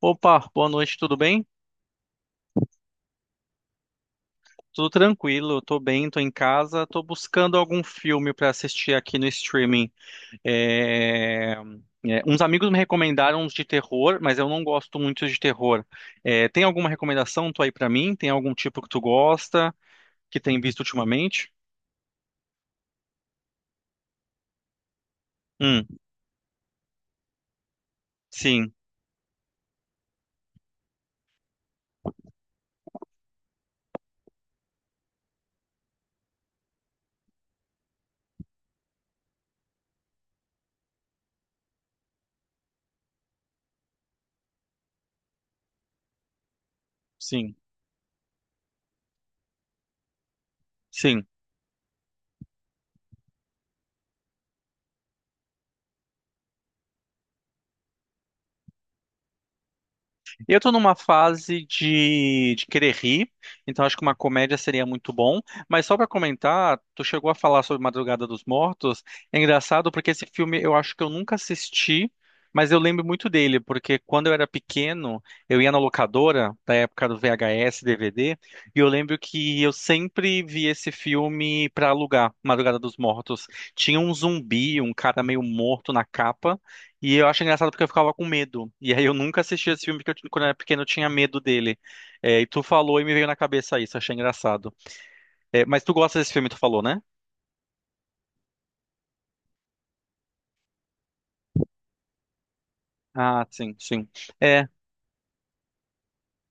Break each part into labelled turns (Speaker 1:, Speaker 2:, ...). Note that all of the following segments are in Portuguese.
Speaker 1: Opa, boa noite, tudo bem? Tudo tranquilo, tô bem, tô em casa, tô buscando algum filme pra assistir aqui no streaming. É, Uns amigos me recomendaram uns de terror, mas eu não gosto muito de terror. Tem alguma recomendação tu aí pra mim? Tem algum tipo que tu gosta, que tem visto ultimamente? Hum, sim, sim, sim. Eu tô numa fase de querer rir, então acho que uma comédia seria muito bom. Mas só pra comentar, tu chegou a falar sobre Madrugada dos Mortos. É engraçado porque esse filme eu acho que eu nunca assisti, mas eu lembro muito dele, porque quando eu era pequeno, eu ia na locadora, da época do VHS, DVD, e eu lembro que eu sempre vi esse filme pra alugar, Madrugada dos Mortos. Tinha um zumbi, um cara meio morto na capa. E eu acho engraçado porque eu ficava com medo. E aí eu nunca assisti esse filme porque quando eu era pequeno eu tinha medo dele. E tu falou e me veio na cabeça isso, achei engraçado. É, mas tu gosta desse filme, tu falou, né? Ah, sim, sim. É,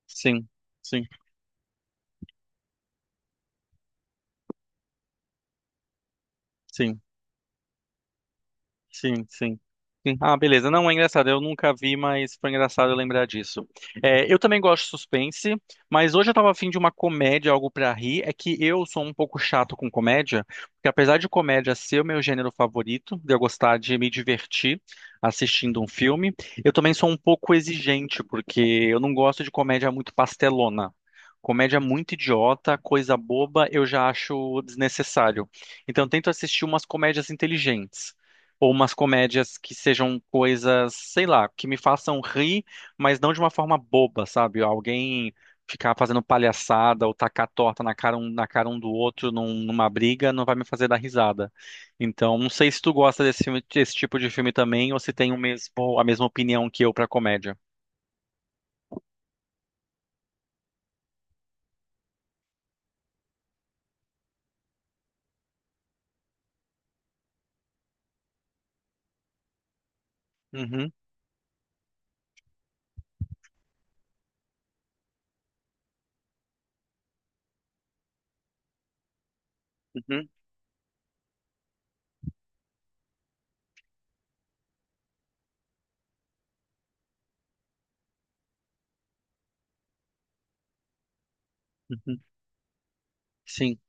Speaker 1: sim, sim, sim. Sim, sim. Sim. Ah, beleza. Não, é engraçado. Eu nunca vi, mas foi engraçado eu lembrar disso. É, eu também gosto de suspense, mas hoje eu tava afim de uma comédia, algo pra rir. É que eu sou um pouco chato com comédia, porque apesar de comédia ser o meu gênero favorito, de eu gostar de me divertir assistindo um filme, eu também sou um pouco exigente, porque eu não gosto de comédia muito pastelona. Comédia muito idiota, coisa boba, eu já acho desnecessário. Então, eu tento assistir umas comédias inteligentes. Ou umas comédias que sejam coisas, sei lá, que me façam rir, mas não de uma forma boba, sabe? Alguém ficar fazendo palhaçada ou tacar torta na cara um, numa briga não vai me fazer dar risada. Então, não sei se tu gosta desse tipo de filme também, ou se tem o mesmo, a mesma opinião que eu pra comédia. Uhum, uhum, uhum. Sim.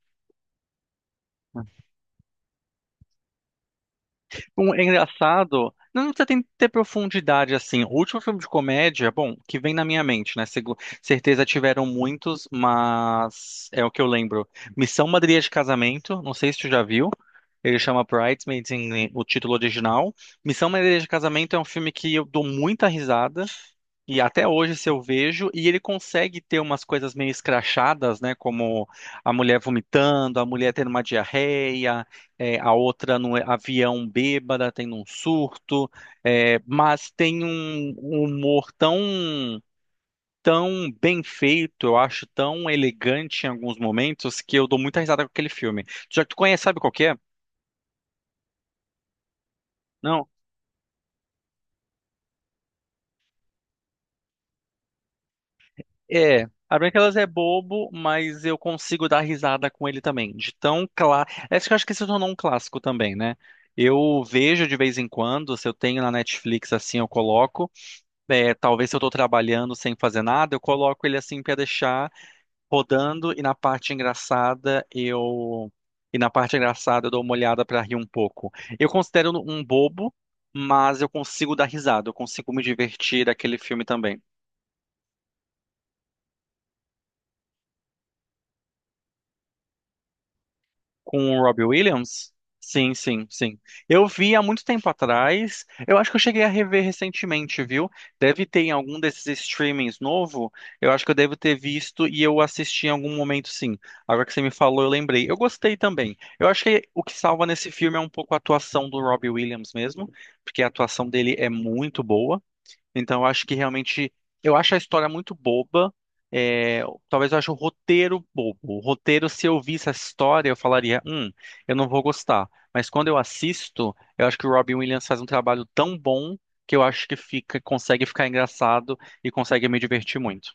Speaker 1: É engraçado. Não precisa ter profundidade assim. O último filme de comédia, bom, que vem na minha mente, né? Certeza tiveram muitos, mas é o que eu lembro. Missão Madrinha de Casamento, não sei se tu já viu. Ele chama Bridesmaids em o título original. Missão Madrinha de Casamento é um filme que eu dou muita risada. E até hoje, se eu vejo, e ele consegue ter umas coisas meio escrachadas, né? Como a mulher vomitando, a mulher tendo uma diarreia, a outra no avião bêbada, tendo um surto, mas tem um humor tão bem feito, eu acho tão elegante em alguns momentos, que eu dou muita risada com aquele filme. Já que tu conhece, sabe qual que é? Não, é, a Branquelas é bobo, mas eu consigo dar risada com ele também. De tão claro. Acho que se tornou um clássico também, né? Eu vejo de vez em quando, se eu tenho na Netflix assim, eu coloco. É, talvez se eu tô trabalhando sem fazer nada, eu coloco ele assim pra deixar rodando e na parte engraçada eu e na parte engraçada eu dou uma olhada pra rir um pouco. Eu considero um bobo, mas eu consigo dar risada, eu consigo me divertir daquele filme também. Com o Robbie Williams? Sim, sim, sim. Eu vi há muito tempo atrás. Eu acho que eu cheguei a rever recentemente, viu? Deve ter em algum desses streamings novo. Eu acho que eu devo ter visto e eu assisti em algum momento, sim. Agora que você me falou, eu lembrei. Eu gostei também. Eu acho que o que salva nesse filme é um pouco a atuação do Robbie Williams mesmo, porque a atuação dele é muito boa. Então, eu acho que realmente. Eu acho a história muito boba. É, talvez eu ache o roteiro bobo. O roteiro, se eu visse essa história, eu falaria: eu não vou gostar. Mas quando eu assisto, eu acho que o Robin Williams faz um trabalho tão bom que eu acho que fica, consegue ficar engraçado e consegue me divertir muito.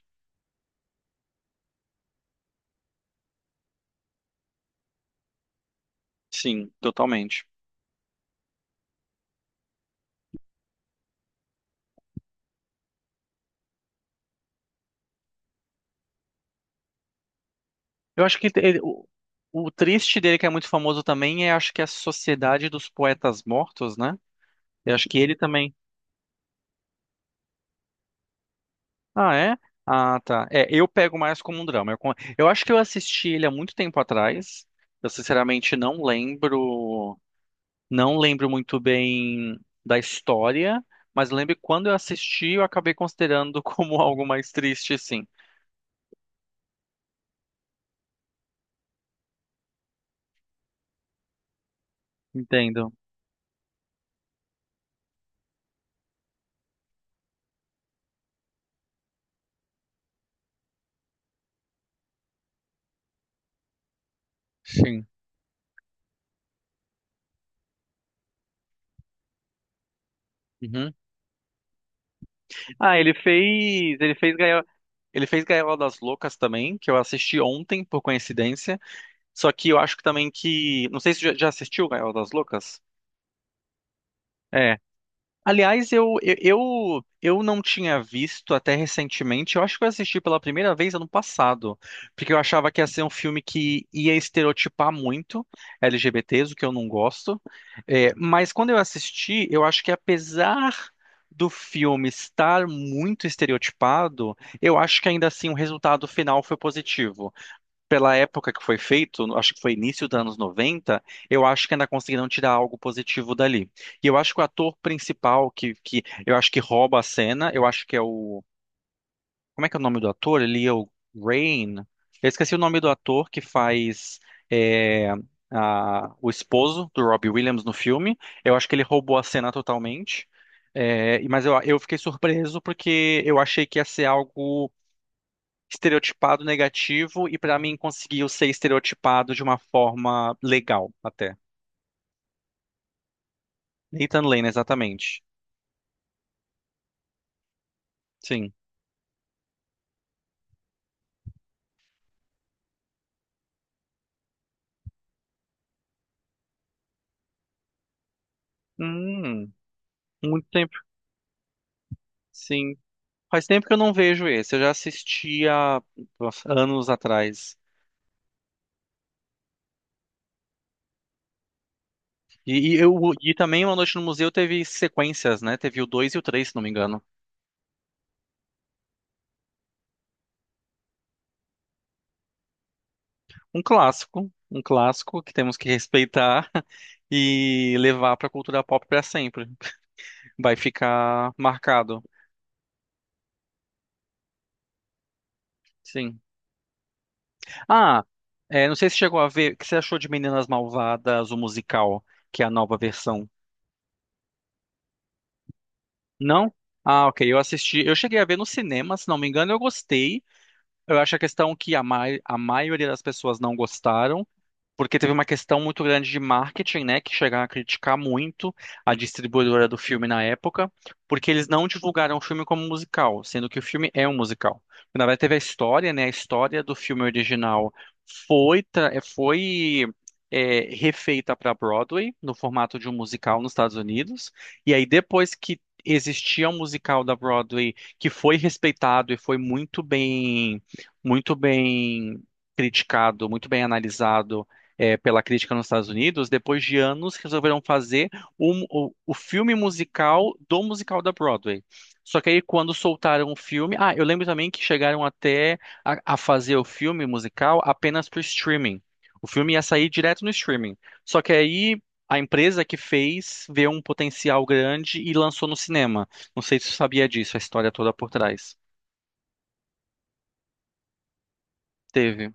Speaker 1: Sim, totalmente. Eu acho que o triste dele, que é muito famoso também, é acho que é a Sociedade dos Poetas Mortos, né? Eu acho que ele também. Ah, é? Ah, tá. É, eu pego mais como um drama. Eu acho que eu assisti ele há muito tempo atrás. Eu sinceramente não lembro, não lembro muito bem da história, mas lembro que quando eu assisti, eu acabei considerando como algo mais triste, sim. Entendo. Sim. Uhum. Ah, ele fez ele fez Gaiola das Loucas também, que eu assisti ontem por coincidência. Só que eu acho que também que, não sei se já assistiu Gaiola das Loucas. É. Aliás, eu não tinha visto até recentemente. Eu acho que eu assisti pela primeira vez ano passado, porque eu achava que ia ser um filme que ia estereotipar muito LGBTs, o que eu não gosto. É, mas quando eu assisti, eu acho que apesar do filme estar muito estereotipado, eu acho que ainda assim o resultado final foi positivo pela época que foi feito, acho que foi início dos anos 90, eu acho que ainda conseguiram tirar algo positivo dali. E eu acho que o ator principal que eu acho que rouba a cena, eu acho que é o. Como é que é o nome do ator? Ele é o Rain. Eu esqueci o nome do ator que faz é, o esposo do Robbie Williams no filme. Eu acho que ele roubou a cena totalmente. Mas eu fiquei surpreso porque eu achei que ia ser algo estereotipado negativo e pra mim conseguiu ser estereotipado de uma forma legal até. Nathan Lane, exatamente. Sim. Hum, muito tempo. Sim. Faz tempo que eu não vejo esse. Eu já assisti há nossa, anos atrás. E, e eu, e também Uma Noite no Museu teve sequências, né? Teve o 2 e o 3, se não me engano. Um clássico que temos que respeitar e levar pra cultura pop pra sempre. Vai ficar marcado. Sim. Ah, é, não sei se chegou a ver. O que você achou de Meninas Malvadas, o musical, que é a nova versão? Não? Ah, ok. Eu assisti. Eu cheguei a ver no cinema, se não me engano, eu gostei. Eu acho a questão a maioria das pessoas não gostaram, porque teve uma questão muito grande de marketing, né, que chegaram a criticar muito a distribuidora do filme na época, porque eles não divulgaram o filme como musical, sendo que o filme é um musical. Na verdade, teve a história, né, a história do filme original foi refeita para Broadway no formato de um musical nos Estados Unidos, e aí depois que existia um musical da Broadway que foi respeitado e foi muito bem criticado, muito bem analisado pela crítica nos Estados Unidos, depois de anos resolveram fazer o filme musical do musical da Broadway. Só que aí quando soltaram o filme, ah, eu lembro também que chegaram até a fazer o filme musical apenas para streaming. O filme ia sair direto no streaming. Só que aí a empresa que fez vê um potencial grande e lançou no cinema. Não sei se você sabia disso, a história toda por trás. Teve.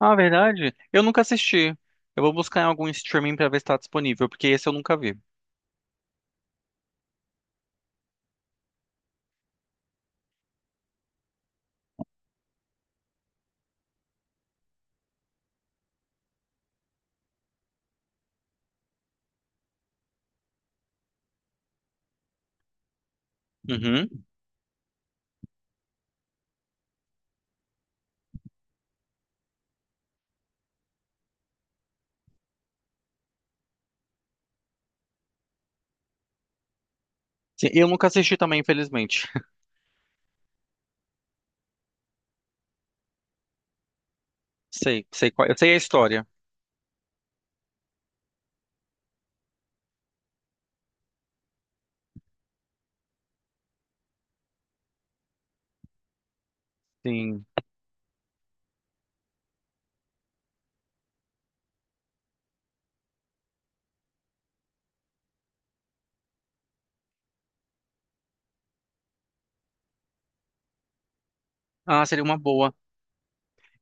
Speaker 1: Ah, verdade? Eu nunca assisti. Eu vou buscar em algum streaming pra ver se tá disponível, porque esse eu nunca vi. Uhum. Sim, eu nunca assisti também, infelizmente. Sei qual, eu sei a história. Sim. Ah, seria uma boa.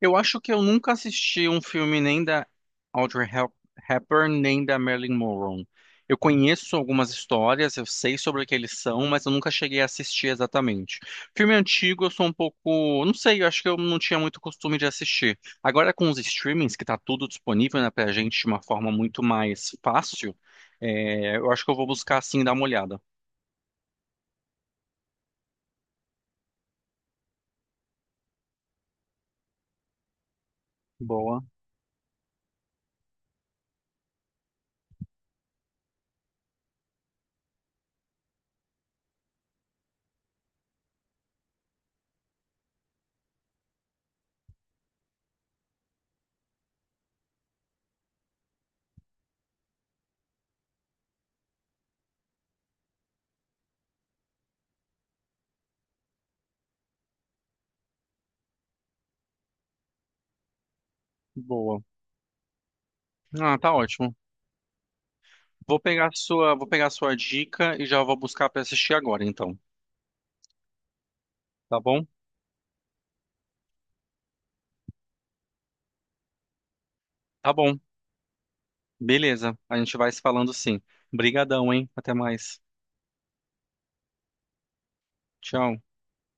Speaker 1: Eu acho que eu nunca assisti um filme nem da Audrey Hep- Hepburn, nem da Marilyn Monroe. Eu conheço algumas histórias, eu sei sobre o que eles são, mas eu nunca cheguei a assistir exatamente. Filme antigo, eu sou um pouco, não sei, eu acho que eu não tinha muito costume de assistir. Agora com os streamings, que tá tudo disponível, né, pra gente de uma forma muito mais fácil, eu acho que eu vou buscar assim dar uma olhada. Boa, Boa. Ah, tá ótimo. Vou pegar a sua dica e já vou buscar pra assistir agora, então. Tá bom? Tá bom. Beleza. A gente vai se falando sim. Brigadão, hein? Até mais. Tchau.